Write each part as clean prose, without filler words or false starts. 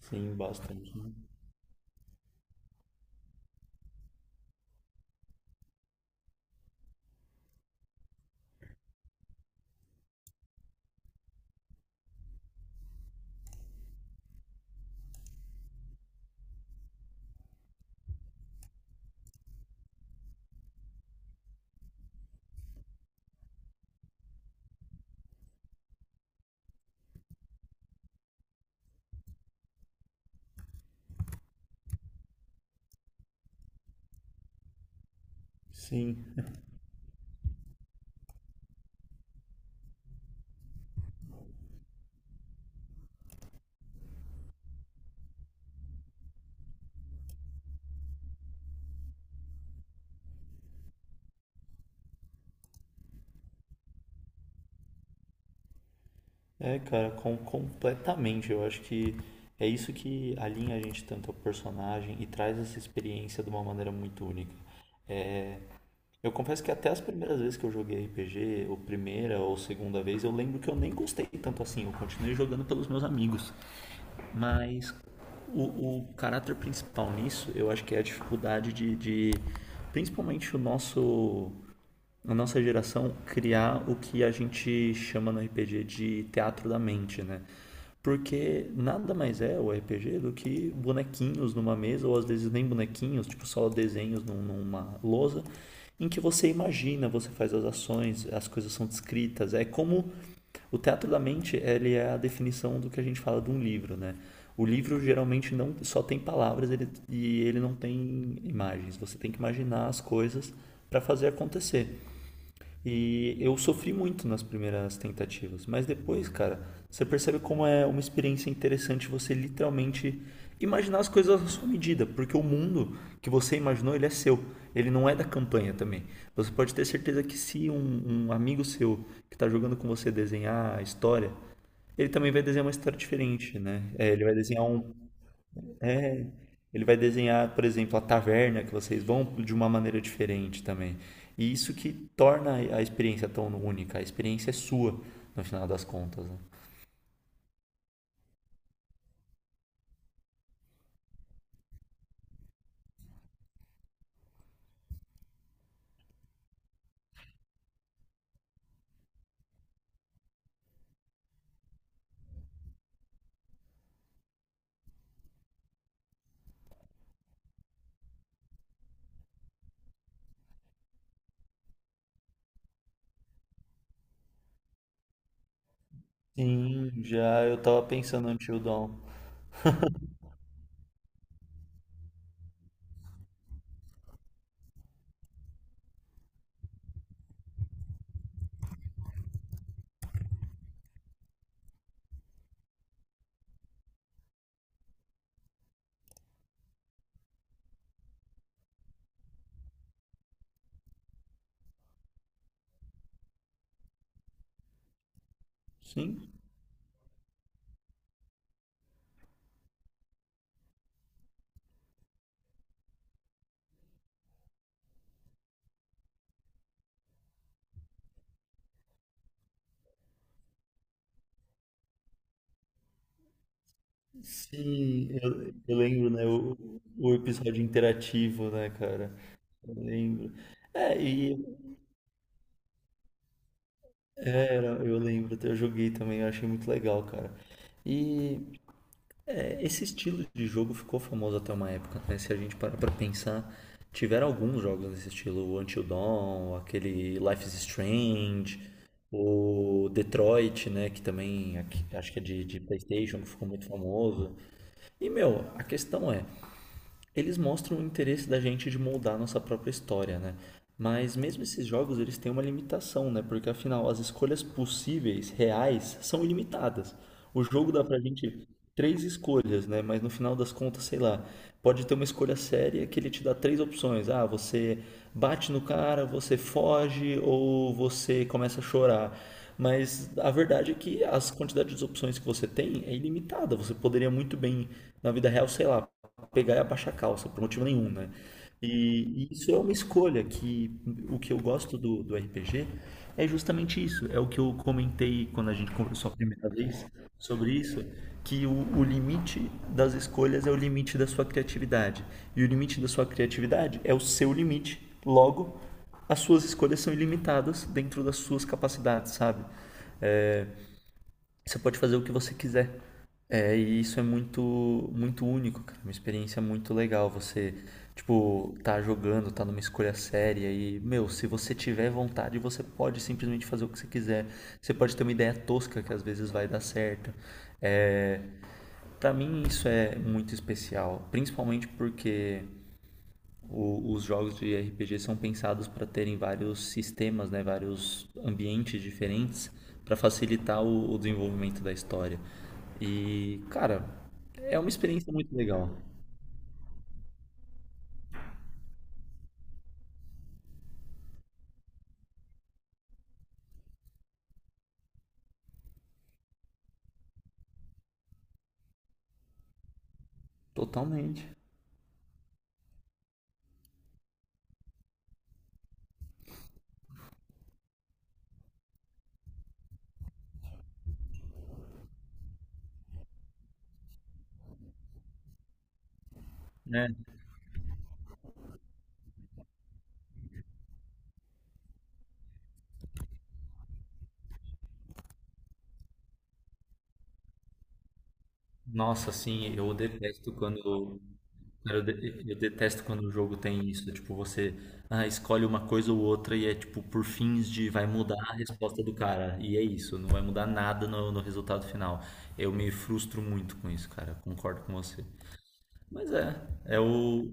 Sim, bastante, né? Sim. É, cara, completamente. Eu acho que é isso que alinha a gente tanto ao personagem e traz essa experiência de uma maneira muito única. Eu confesso que até as primeiras vezes que eu joguei RPG, ou primeira ou segunda vez, eu lembro que eu nem gostei tanto assim. Eu continuei jogando pelos meus amigos. Mas o caráter principal nisso, eu acho que é a dificuldade de principalmente o nosso na nossa geração criar o que a gente chama no RPG de teatro da mente, né? Porque nada mais é o RPG do que bonequinhos numa mesa, ou às vezes nem bonequinhos, tipo só desenhos numa lousa, em que você imagina, você faz as ações, as coisas são descritas. É como o teatro da mente, ele é a definição do que a gente fala de um livro, né? O livro geralmente não só tem palavras ele, e ele não tem imagens. Você tem que imaginar as coisas para fazer acontecer. E eu sofri muito nas primeiras tentativas, mas depois, cara, você percebe como é uma experiência interessante você literalmente imaginar as coisas à sua medida, porque o mundo que você imaginou, ele é seu, ele não é da campanha também. Você pode ter certeza que se um amigo seu que está jogando com você desenhar a história, ele também vai desenhar uma história diferente, né? É, ele vai desenhar, por exemplo, a taverna que vocês vão de uma maneira diferente também. E isso que torna a experiência tão única. A experiência é sua, no final das contas, né? Sim, já eu tava pensando no Until Dawn. Sim. Sim, eu lembro, né? O episódio interativo, né, cara? Eu lembro. É, e era, eu lembro, eu joguei também, eu achei muito legal, cara. E esse estilo de jogo ficou famoso até uma época, né? Se a gente parar pra pensar, tiveram alguns jogos nesse estilo, o Until Dawn, aquele Life is Strange, o Detroit, né? Que também acho que é de PlayStation, que ficou muito famoso. E, meu, a questão é, eles mostram o interesse da gente de moldar a nossa própria história, né? Mas mesmo esses jogos, eles têm uma limitação, né? Porque afinal, as escolhas possíveis, reais, são ilimitadas. O jogo dá pra gente três escolhas, né? Mas no final das contas, sei lá, pode ter uma escolha séria que ele te dá três opções. Ah, você bate no cara, você foge ou você começa a chorar. Mas a verdade é que as quantidades de opções que você tem é ilimitada. Você poderia muito bem, na vida real, sei lá, pegar e abaixar a calça, por motivo nenhum, né? E isso é uma escolha que o que eu gosto do RPG é justamente isso. É o que eu comentei quando a gente conversou a primeira vez sobre isso, que o limite das escolhas é o limite da sua criatividade. E o limite da sua criatividade é o seu limite. Logo, as suas escolhas são ilimitadas dentro das suas capacidades, sabe? É, você pode fazer o que você quiser. É, e isso é muito, muito único, cara. Uma experiência muito legal. Você, tipo, tá jogando, tá numa escolha séria e, meu, se você tiver vontade, você pode simplesmente fazer o que você quiser. Você pode ter uma ideia tosca que às vezes vai dar certo. É, para mim isso é muito especial, principalmente porque os jogos de RPG são pensados para terem vários sistemas, né, vários ambientes diferentes para facilitar o desenvolvimento da história. E, cara, é uma experiência muito legal. Totalmente. Né? Nossa, assim, eu detesto quando. Cara, eu detesto quando o jogo tem isso, tipo, você ah, escolhe uma coisa ou outra e é tipo por fins de vai mudar a resposta do cara. E é isso, não vai mudar nada no resultado final. Eu me frustro muito com isso, cara. Concordo com você. Mas é o.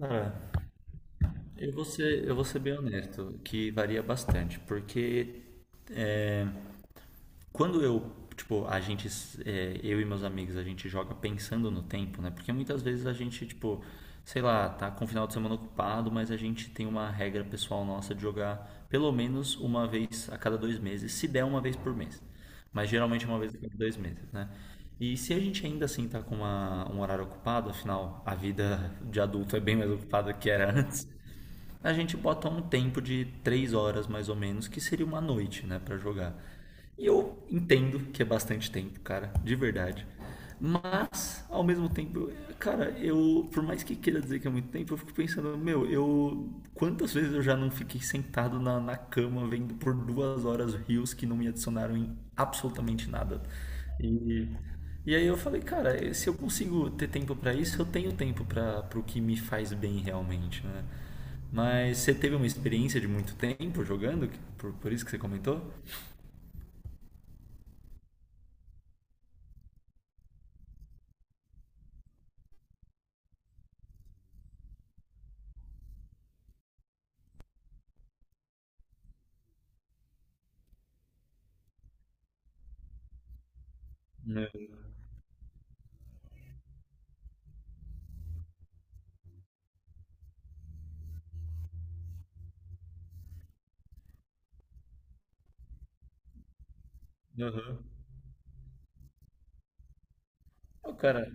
Cara, eu vou ser bem honesto, que varia bastante, porque quando eu, tipo, a gente, é, eu e meus amigos, a gente joga pensando no tempo, né, porque muitas vezes a gente, tipo, sei lá, tá com o final de semana ocupado, mas a gente tem uma regra pessoal nossa de jogar pelo menos uma vez a cada 2 meses, se der uma vez por mês, mas geralmente é uma vez a cada dois meses, né, e se a gente ainda assim tá com um horário ocupado, afinal a vida de adulto é bem mais ocupada que era antes, a gente bota um tempo de 3 horas mais ou menos, que seria uma noite, né, para jogar. E eu entendo que é bastante tempo, cara, de verdade. Mas, ao mesmo tempo, cara, eu, por mais que queira dizer que é muito tempo, eu fico pensando, meu, eu, quantas vezes eu já não fiquei sentado na cama vendo por 2 horas rios que não me adicionaram em absolutamente nada. E, e aí eu falei, cara, se eu consigo ter tempo pra isso, eu tenho tempo para pro que me faz bem realmente, né? Mas você teve uma experiência de muito tempo jogando? Que- por isso que você comentou? Né. Aham. Pô, cara,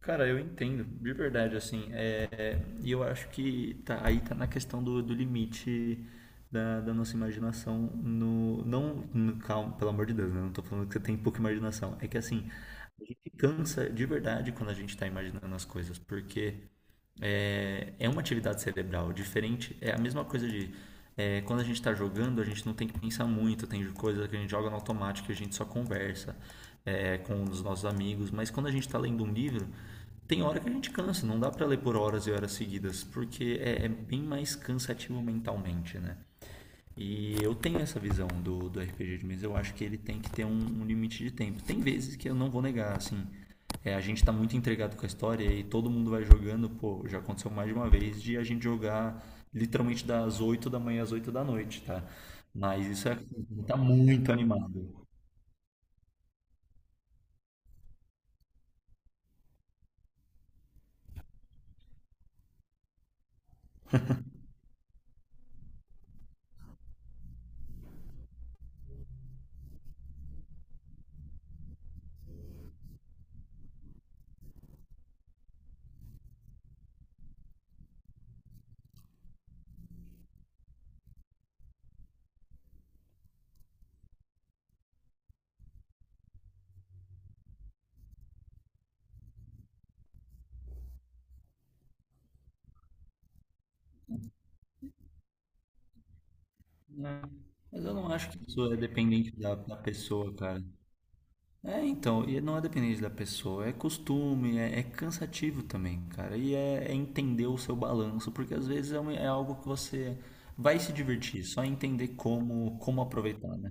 cara, eu entendo, de verdade, assim. É, e eu acho que tá, aí tá na questão do limite da nossa imaginação no. Não, calma, pelo amor de Deus, né? Não tô falando que você tem pouca imaginação. É que assim, a gente cansa de verdade quando a gente tá imaginando as coisas, porque. É uma atividade cerebral diferente. É a mesma coisa de quando a gente está jogando, a gente não tem que pensar muito, tem coisa que a gente joga no automático e a gente só conversa com os nossos amigos. Mas quando a gente está lendo um livro, tem hora que a gente cansa, não dá para ler por horas e horas seguidas, porque é bem mais cansativo mentalmente, né? E eu tenho essa visão do RPG de mesa. Eu acho que ele tem que ter um limite de tempo. Tem vezes que eu não vou negar, assim. A gente tá muito entregado com a história e todo mundo vai jogando. Pô, já aconteceu mais de uma vez de a gente jogar literalmente das 8 da manhã às 8 da noite, tá? Mas isso tá muito animado. Mas eu não acho que isso é dependente da pessoa, cara. É, então, e não é dependente da pessoa, é costume, é cansativo também, cara. E é entender o seu balanço, porque às vezes é algo que você vai se divertir, só entender como aproveitar, né?